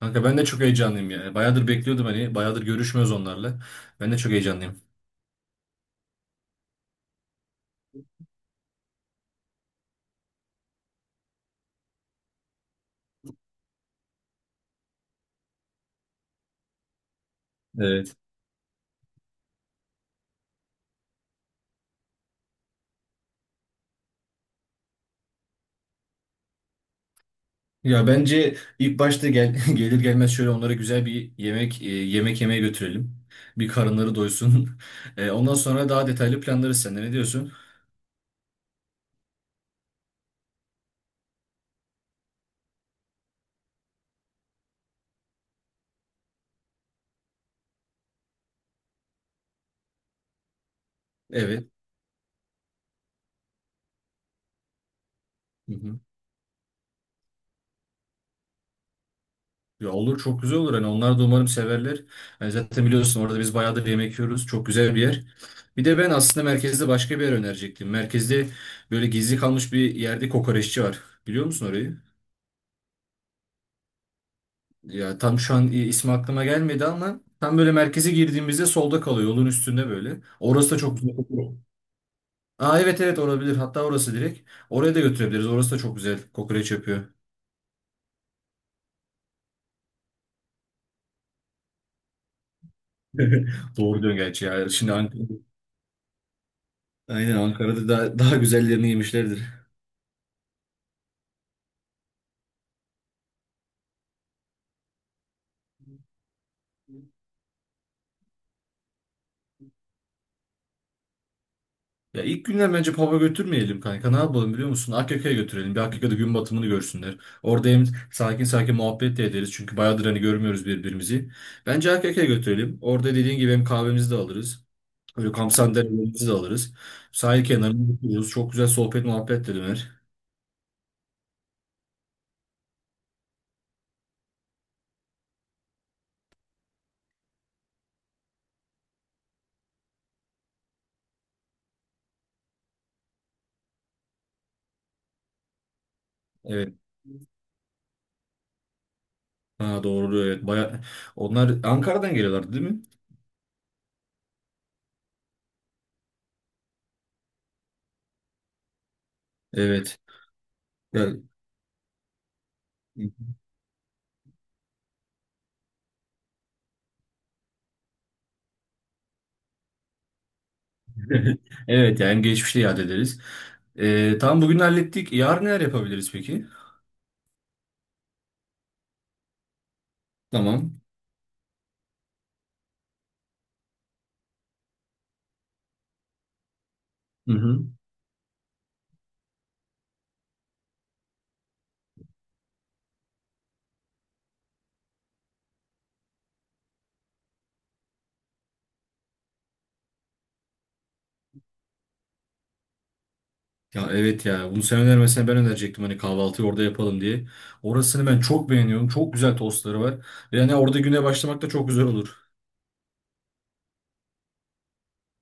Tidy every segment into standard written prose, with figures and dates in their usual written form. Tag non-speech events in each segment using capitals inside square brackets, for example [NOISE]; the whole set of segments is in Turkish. Kanka ben de çok heyecanlıyım ya. Bayağıdır bekliyordum hani. Bayağıdır görüşmüyoruz onlarla. Ben de çok heyecanlıyım. Evet. Ya bence ilk başta [LAUGHS] gelir gelmez şöyle onlara güzel bir yemek yemeye götürelim. Bir karınları doysun. [LAUGHS] Ondan sonra daha detaylı planlarız seninle. Ne diyorsun? Evet. Hı hı. Ya olur, çok güzel olur. Hani onlar da umarım severler. Hani zaten biliyorsun orada biz bayağıdır yemek yiyoruz. Çok güzel bir yer. Bir de ben aslında merkezde başka bir yer önerecektim. Merkezde böyle gizli kalmış bir yerde kokoreççi var. Biliyor musun orayı? Ya tam şu an ismi aklıma gelmedi ama tam böyle merkeze girdiğimizde solda kalıyor, yolun üstünde böyle. Orası da çok güzel kokuyor. Aa, evet evet, olabilir. Hatta orası direkt. Oraya da götürebiliriz. Orası da çok güzel kokoreç yapıyor. [LAUGHS] Doğru diyorsun gerçi ya. Şimdi Ankara, aynen Ankara'da daha güzellerini yemişlerdir. Ya ilk günler bence pub'a götürmeyelim kanka. Ne yapalım biliyor musun? Akyaka'ya götürelim. Bir Akyaka'da gün batımını görsünler. Orada hem sakin sakin muhabbet de ederiz. Çünkü bayağıdır hani görmüyoruz birbirimizi. Bence Akyaka'ya götürelim. Orada dediğin gibi hem kahvemizi de alırız. Böyle kamp sandalyelerimizi de alırız. Sahil kenarında otururuz. Çok güzel sohbet muhabbet de döner. Evet. Ha, doğru evet. Baya... Onlar Ankara'dan geliyorlardı değil mi? Evet. Ya- [LAUGHS] Evet yani geçmişte yad ederiz. Tamam, bugün hallettik. Yarın neler yapabiliriz peki? Tamam. Hı hı. Ya evet ya, bunu sen önermesen ben önerecektim hani kahvaltıyı orada yapalım diye. Orasını ben çok beğeniyorum. Çok güzel tostları var. Yani orada güne başlamak da çok güzel olur.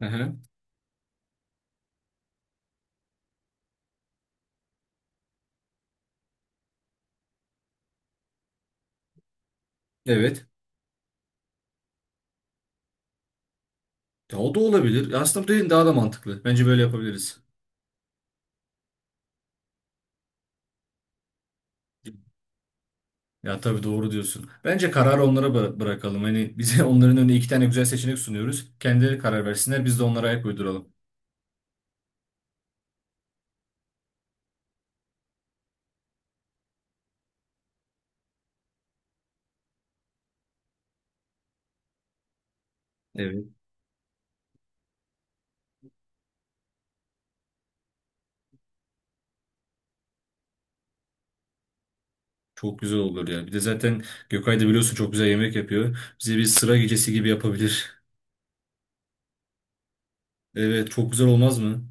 Hı hı. Evet. Ya o da olabilir. Ya aslında bu dediğin daha da mantıklı. Bence böyle yapabiliriz. Ya tabii, doğru diyorsun. Bence kararı onlara bırakalım. Hani bize [LAUGHS] onların önüne iki tane güzel seçenek sunuyoruz. Kendileri karar versinler, biz de onlara ayak uyduralım. Evet. Çok güzel olur ya. Bir de zaten Gökay da biliyorsun çok güzel yemek yapıyor. Bize bir sıra gecesi gibi yapabilir. [LAUGHS] Evet, çok güzel olmaz mı?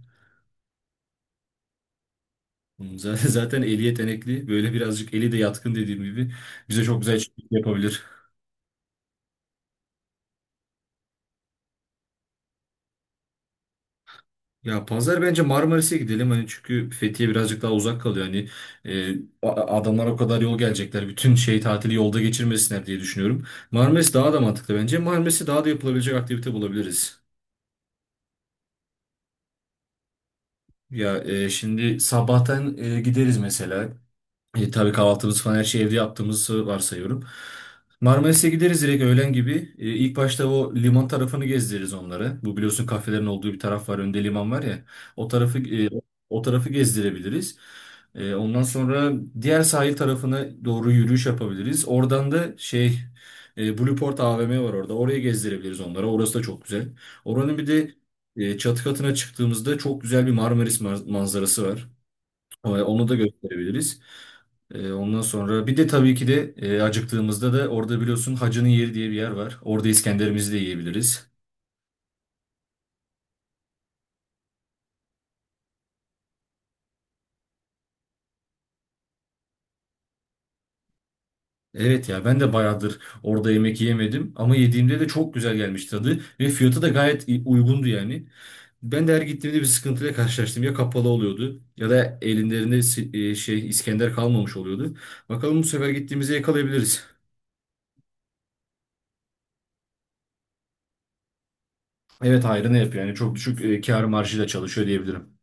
[LAUGHS] Zaten eli yetenekli. Böyle birazcık eli de yatkın, dediğim gibi. Bize çok güzel şey yapabilir. Ya pazar bence Marmaris'e gidelim, hani çünkü Fethiye birazcık daha uzak kalıyor hani, e, adamlar o kadar yol gelecekler, bütün şey tatili yolda geçirmesinler diye düşünüyorum. Marmaris daha da mantıklı, bence Marmaris'e daha da yapılabilecek aktivite bulabiliriz. Ya şimdi sabahtan gideriz mesela. Tabii kahvaltımız falan her şeyi evde yaptığımızı varsayıyorum. Marmaris'e gideriz direkt öğlen gibi. İlk başta o liman tarafını gezdiririz onları. Bu biliyorsun kafelerin olduğu bir taraf var. Önde liman var ya. O tarafı, o tarafı gezdirebiliriz. Ondan sonra diğer sahil tarafına doğru yürüyüş yapabiliriz. Oradan da şey, Blueport AVM var orada. Oraya gezdirebiliriz onlara. Orası da çok güzel. Oranın bir de çatı katına çıktığımızda çok güzel bir Marmaris manzarası var. Onu da gösterebiliriz. Ondan sonra bir de tabii ki de, acıktığımızda da orada biliyorsun Hacı'nın yeri diye bir yer var. Orada İskender'imizi de yiyebiliriz. Evet ya, ben de bayağıdır orada yemek yemedim ama yediğimde de çok güzel gelmiş tadı, ve fiyatı da gayet uygundu yani. Ben de her gittiğimde bir sıkıntıyla karşılaştım. Ya kapalı oluyordu, ya da elinde şey İskender kalmamış oluyordu. Bakalım bu sefer gittiğimizde yakalayabiliriz. Evet, hayrına yapıyor yani, çok düşük kâr marjıyla çalışıyor diyebilirim.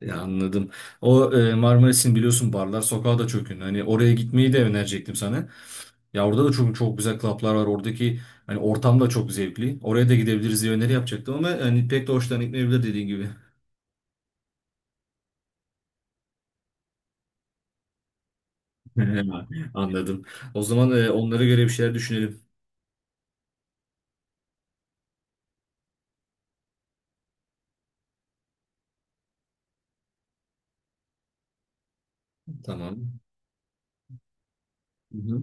Ya anladım. O, Marmaris'in biliyorsun barlar sokağı da çok ünlü. Hani oraya gitmeyi de önerecektim sana. Ya orada da çok güzel klaplar var. Oradaki hani ortam da çok zevkli. Oraya da gidebiliriz diye öneri yapacaktım ama hani pek de hoşlan gitmeyebilir, dediğin gibi. [LAUGHS] Anladım. O zaman onlara göre bir şeyler düşünelim. Tamam. Hı hı.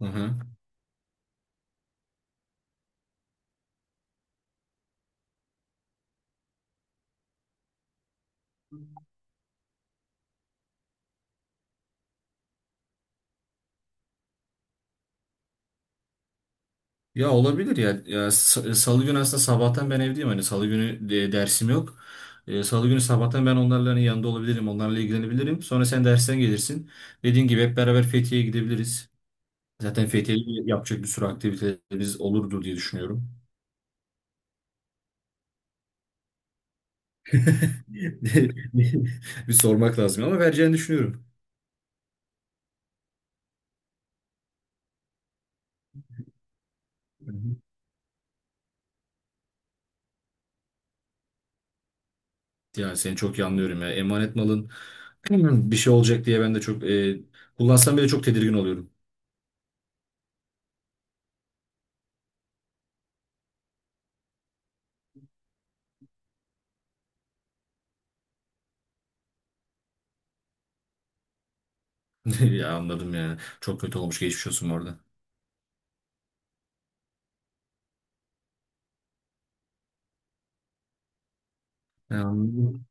Hı. Ya olabilir ya. Ya Salı günü aslında sabahtan ben evdeyim. Hani Salı günü dersim yok. Salı günü sabahtan ben onlarla hani yanında olabilirim. Onlarla ilgilenebilirim. Sonra sen dersten gelirsin. Dediğin gibi hep beraber Fethiye'ye gidebiliriz. Zaten Fethiye'de yapacak bir sürü aktivitelerimiz olurdu diye düşünüyorum. [LAUGHS] Bir sormak lazım ama vereceğini düşünüyorum. Hı hı. Ya seni çok iyi anlıyorum ya. Emanet malın [CLEARS THROAT] bir şey olacak diye ben de çok kullansam bile çok tedirgin oluyorum. [LAUGHS] Ya anladım ya. Çok kötü olmuş. Geçmiş olsun orada. Anladım.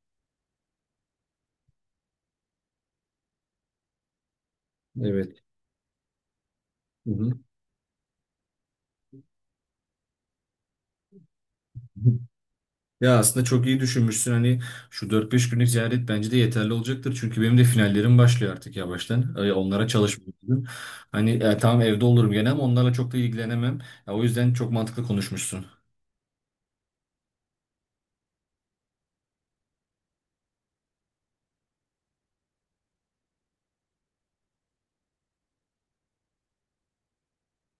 Evet. Hı hı. Ya aslında çok iyi düşünmüşsün. Hani şu 4-5 günlük ziyaret bence de yeterli olacaktır. Çünkü benim de finallerim başlıyor artık yavaştan. Onlara çalışmıyorum. Hani tamam evde olurum gene ama onlarla çok da ilgilenemem. Ya, o yüzden çok mantıklı konuşmuşsun.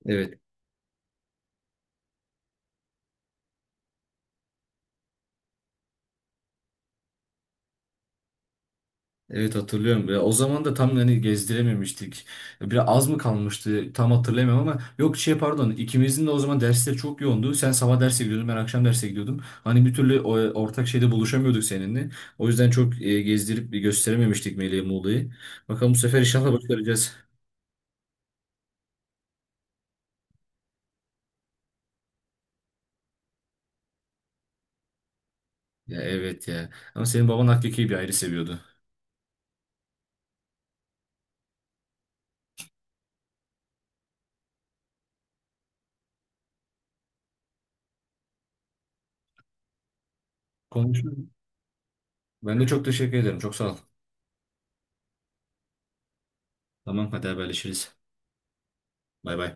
Evet. Evet hatırlıyorum. Ya, o zaman da tam hani gezdirememiştik. Biraz az mı kalmıştı tam hatırlayamıyorum ama yok şey, pardon, ikimizin de o zaman dersleri çok yoğundu. Sen sabah derse gidiyordun, ben akşam derse gidiyordum. Hani bir türlü ortak şeyde buluşamıyorduk seninle. O yüzden çok gezdirip bir gösterememiştik Melih'e Muğla'yı. Bakalım bu sefer inşallah başaracağız. Ya evet ya. Ama senin baban hakiki bir ayrı seviyordu. Konuşuruz. Ben de çok teşekkür ederim. Çok sağ ol. Tamam hadi haberleşiriz. Bay bay.